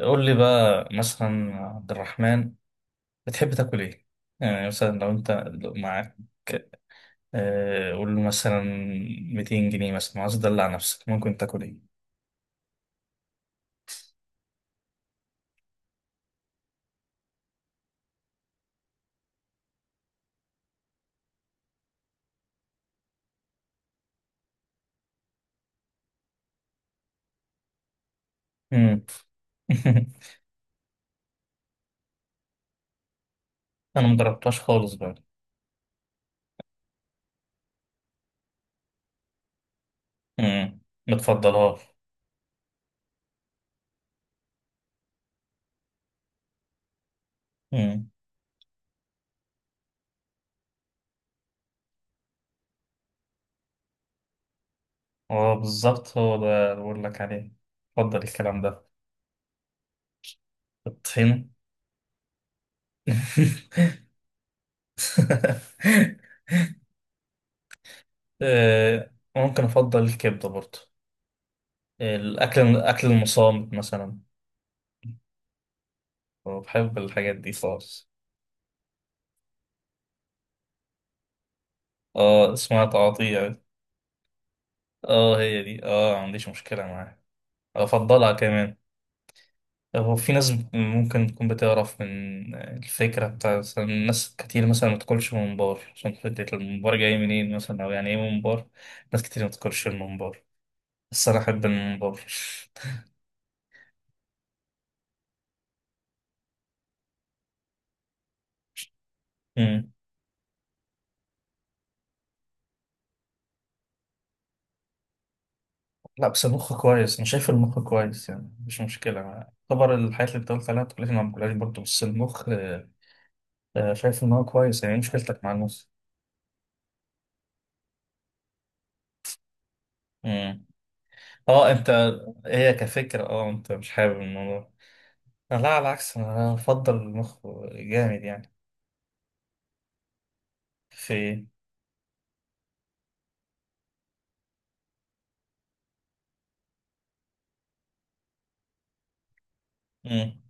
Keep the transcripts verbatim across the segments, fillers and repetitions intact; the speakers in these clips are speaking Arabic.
قول لي بقى مثلا عبد الرحمن، بتحب تاكل ايه؟ يعني مثلا لو انت لو معاك، آه، قول له مثلا مئتين جنيه مثلا، عايز تدلع نفسك ممكن تاكل ايه؟ مم. انا مجربتهاش خالص بقى. مم. متفضلهاش. مم. اه بالظبط، هو ده اللي بقول لك عليه. اتفضل الكلام ده. الطحين. آه، ممكن افضل الكبده برضه. آه، الاكل اكل المصامت مثلا، وبحب الحاجات دي خالص. اه اسمها تعاطيع. اه هي دي، اه ما عنديش مشكلة معاها، افضلها كمان. هو في ناس ممكن تكون بتعرف من الفكرة بتاع، مثلا ناس كتير مثلا ما تاكلش ممبار عشان فكرة الممبار جاي منين مثلا، او يعني ايه ممبار. ناس كتير ما تاكلش الممبار، بس انا احب الممبار. مم. لا بس المخ كويس، انا شايف المخ كويس يعني، مش مشكلة معاه طبعا. الحاجات اللي بتقول عليها ما تاكلهاش ما باكلهاش برضه، بس المخ آه، آه، شايف ان هو كويس. يعني إيه مشكلتك مع المخ؟ مم. اه انت، هي كفكرة، اه انت مش حابب الموضوع. أنا لا، على العكس انا بفضل المخ جامد يعني. في. مم.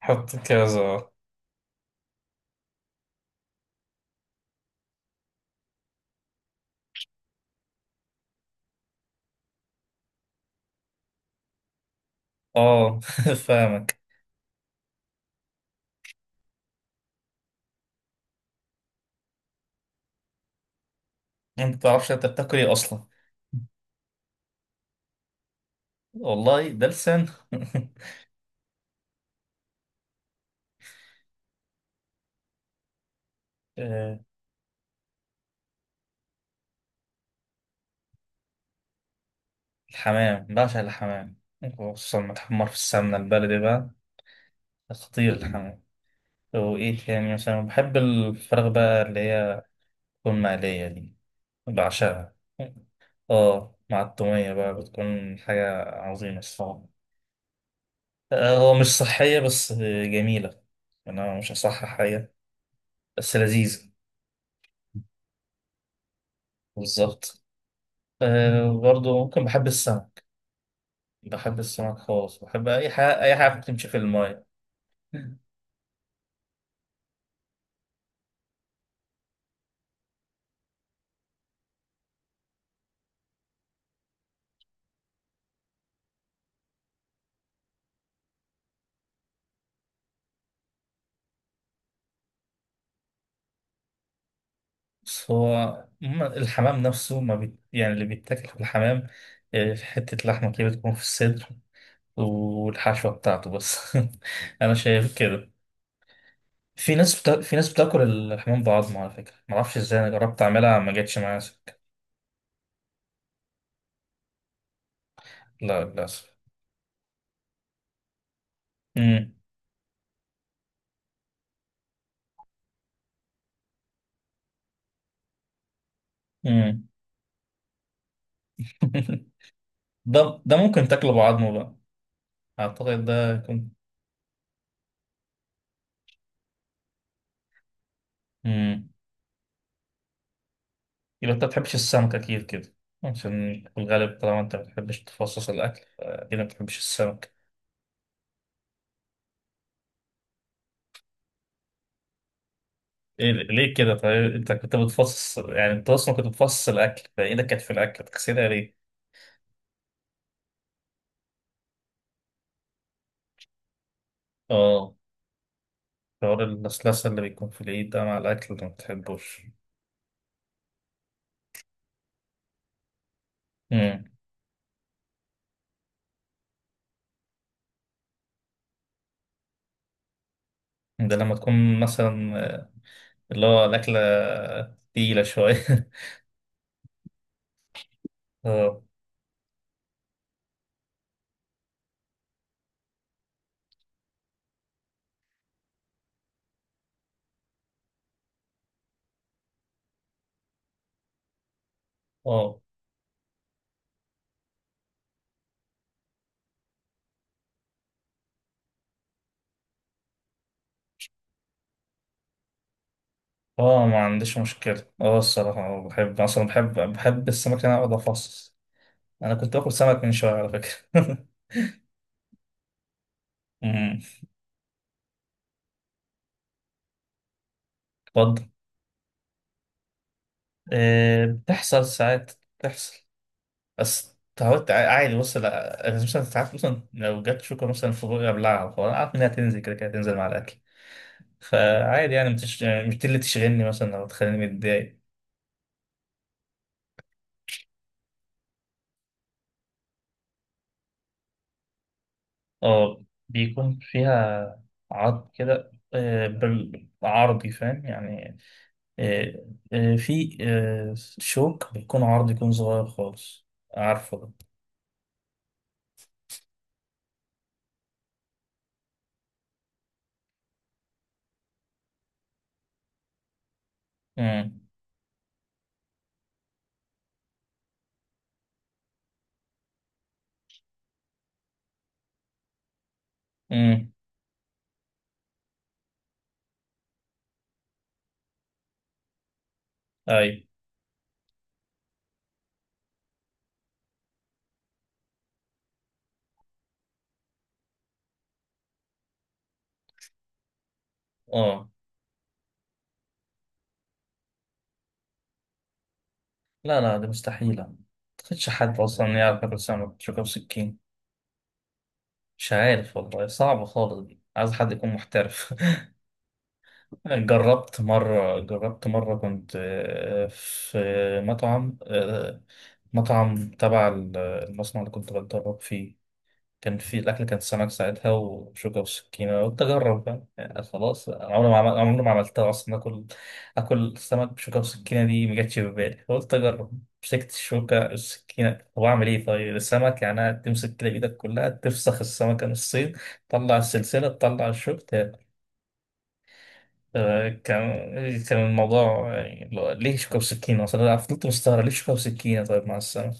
حط كذا. اه فاهمك. انت متعرفش انت بتاكل ايه اصلا. والله ده لسان. آه، الحمام، بعشق الحمام، خصوصا لما تحمر في السمنة البلدي بقى. خطير الحمام. وايه تاني؟ مثلا بحب الفراخ بقى، اللي هي تكون مقلية دي، بعشقها. اه، مع التومية بقى بتكون حاجة عظيمة الصراحة. آه، هو مش صحية بس جميلة. يعني أنا مش هصحح حاجة، بس لذيذة. بالظبط. أه برضه ممكن، بحب السمك، بحب السمك خالص، بحب أي حاجة أي حاجة بتمشي في الماية. بس هو عموماً الحمام نفسه ما بي... يعني اللي بيتاكل في الحمام، آه، في حتة لحمة كده بتكون في الصدر والحشوة بتاعته بس. أنا شايف كده. في ناس بتا... في ناس بتاكل الحمام بعظمه على فكره، ما اعرفش ازاي، انا جربت اعملها ما جاتش معايا سكه. لا للاسف. امم. امم. ده ده ممكن تاكله بعظمه بقى، اعتقد ده كنت. امم. يبقى انت ما بتحبش السمك اكيد كده، عشان في الغالب طالما انت ما بتحبش تفصص الاكل، اكيد ما بتحبش السمك. إيه ليه كده؟ طيب انت كنت بتفصص، يعني انت اصلا كنت بتفصص الاكل، فايدك كانت في الاكل تغسلها ليه؟ اه، حوار اللسلسه اللي بيكون في الايد ده مع الاكل ده ما بتحبوش. ده لما تكون مثلا، اللي هو الأكلة تقيلة شوية. اه، اه، اه ما عنديش مشكلة، اه الصراحة، آه، بحب مثلا بحب بحب السمك اللي أنا أقعد أفصص. أنا كنت باكل سمك من شوية على فكرة. أمم. اتفضل. آه، بتحصل ساعات، بتحصل، بس تعودت، ع- عادي. بص، لا أنا مثلا ساعات مثلا لو جت شوكة مثلا في بوقي أبلعها، فأنا عارف إنها تنزل كده كده، تنزل مع الأكل. فعادي يعني، مش مش دي اللي تشغلني مثلا أو تخليني متضايق. اه بيكون فيها عرض كده، آه، بالعرضي فاهم يعني. آه، آه، في، آه، شوك بيكون عرض، يكون صغير خالص، عارفه ده. امم. امم. اي، اه، لا لا دي مستحيلة، ما تخدش حد اصلا يعرف ياكل سمك شوكة وسكين. مش عارف والله، صعبة خالص دي، عايز حد يكون محترف. جربت مرة جربت مرة كنت، آه، في مطعم آه، مطعم تبع المصنع اللي كنت بتدرب فيه. كان في الأكل، كان سمك ساعتها وشوكة وسكينة، قلت أجرب بقى، يعني خلاص، أنا عمري ما عمل- عمري ما عملتها أصلا. آكل آكل سمك بشوكة وسكينة دي ما جاتش في بالي، فقلت أجرب. مسكت الشوكة السكينة، طب أعمل إيه؟ طيب السمك يعني تمسك كده بإيدك كلها، تفسخ السمكة نصين، تطلع السلسلة، تطلع الشوك. آه، كان كان الموضوع يعني، لو- ليه شوكة وسكينة أصلا؟ أنا فضلت مستغرب ليه شوكة وسكينة. طيب مع السلامة.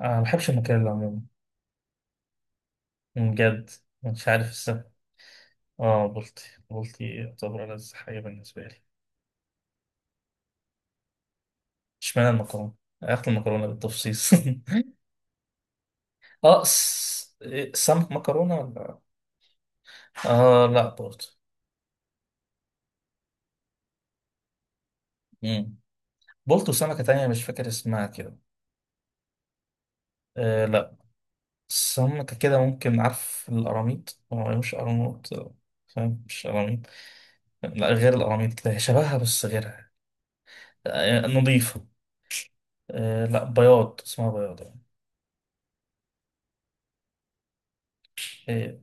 أنا ما بحبش المكان ده عموما، بجد، مش عارف السبب. آه بلطي. بلطي يعتبر ألذ حاجة بالنسبة لي. اشمعنى المكرونة؟ آخد المكرونة بالتفصيص؟ آه س- إيه، سمك مكرونة ولا؟ آه لا برضه. مم. بلطي، وسمكة تانية مش فاكر اسمها كده. آه لا، سمكة كده ممكن، عارف القراميط؟ هو مش قراميط آه، فاهم؟ مش قراميط. لا، غير القراميط كده، هي شبهها بس غيرها، آه، نظيفة. آه، لا بياض، اسمها بياض يعني. آه،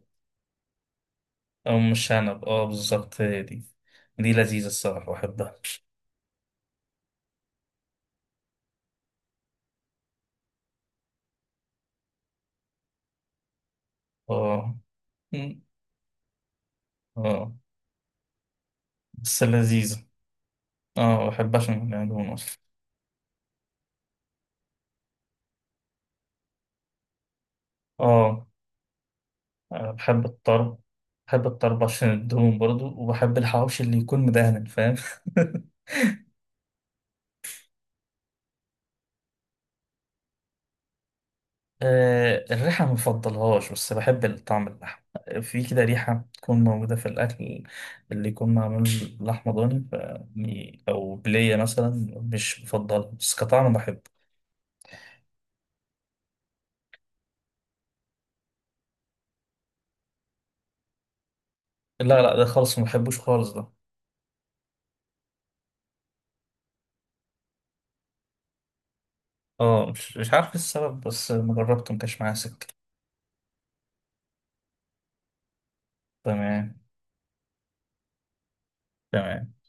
أو مش شنب، اه بالظبط هي دي، دي لذيذة الصراحة بحبها. اه. مم. اه، بس لذيذة. اه بحبها عشان يعني دهون أصلا. اه. آه، بحب الطرب. بحب الطرب عشان الدهون برضو، وبحب الحواوشي اللي يكون مدهن، فاهم؟ آه، الريحة ما بفضلهاش بس بحب الطعم، اللحم في كده ريحة تكون موجودة في الأكل اللي يكون معمول لحمة ضاني، ف- أو بلية مثلا، مش بفضلها بس كطعم بحبه. لا لا ده خالص ما بحبوش خالص ده. اه، مش مش عارف إيه السبب، بس مجربته مكانش معايا سكة. تمام. تمام.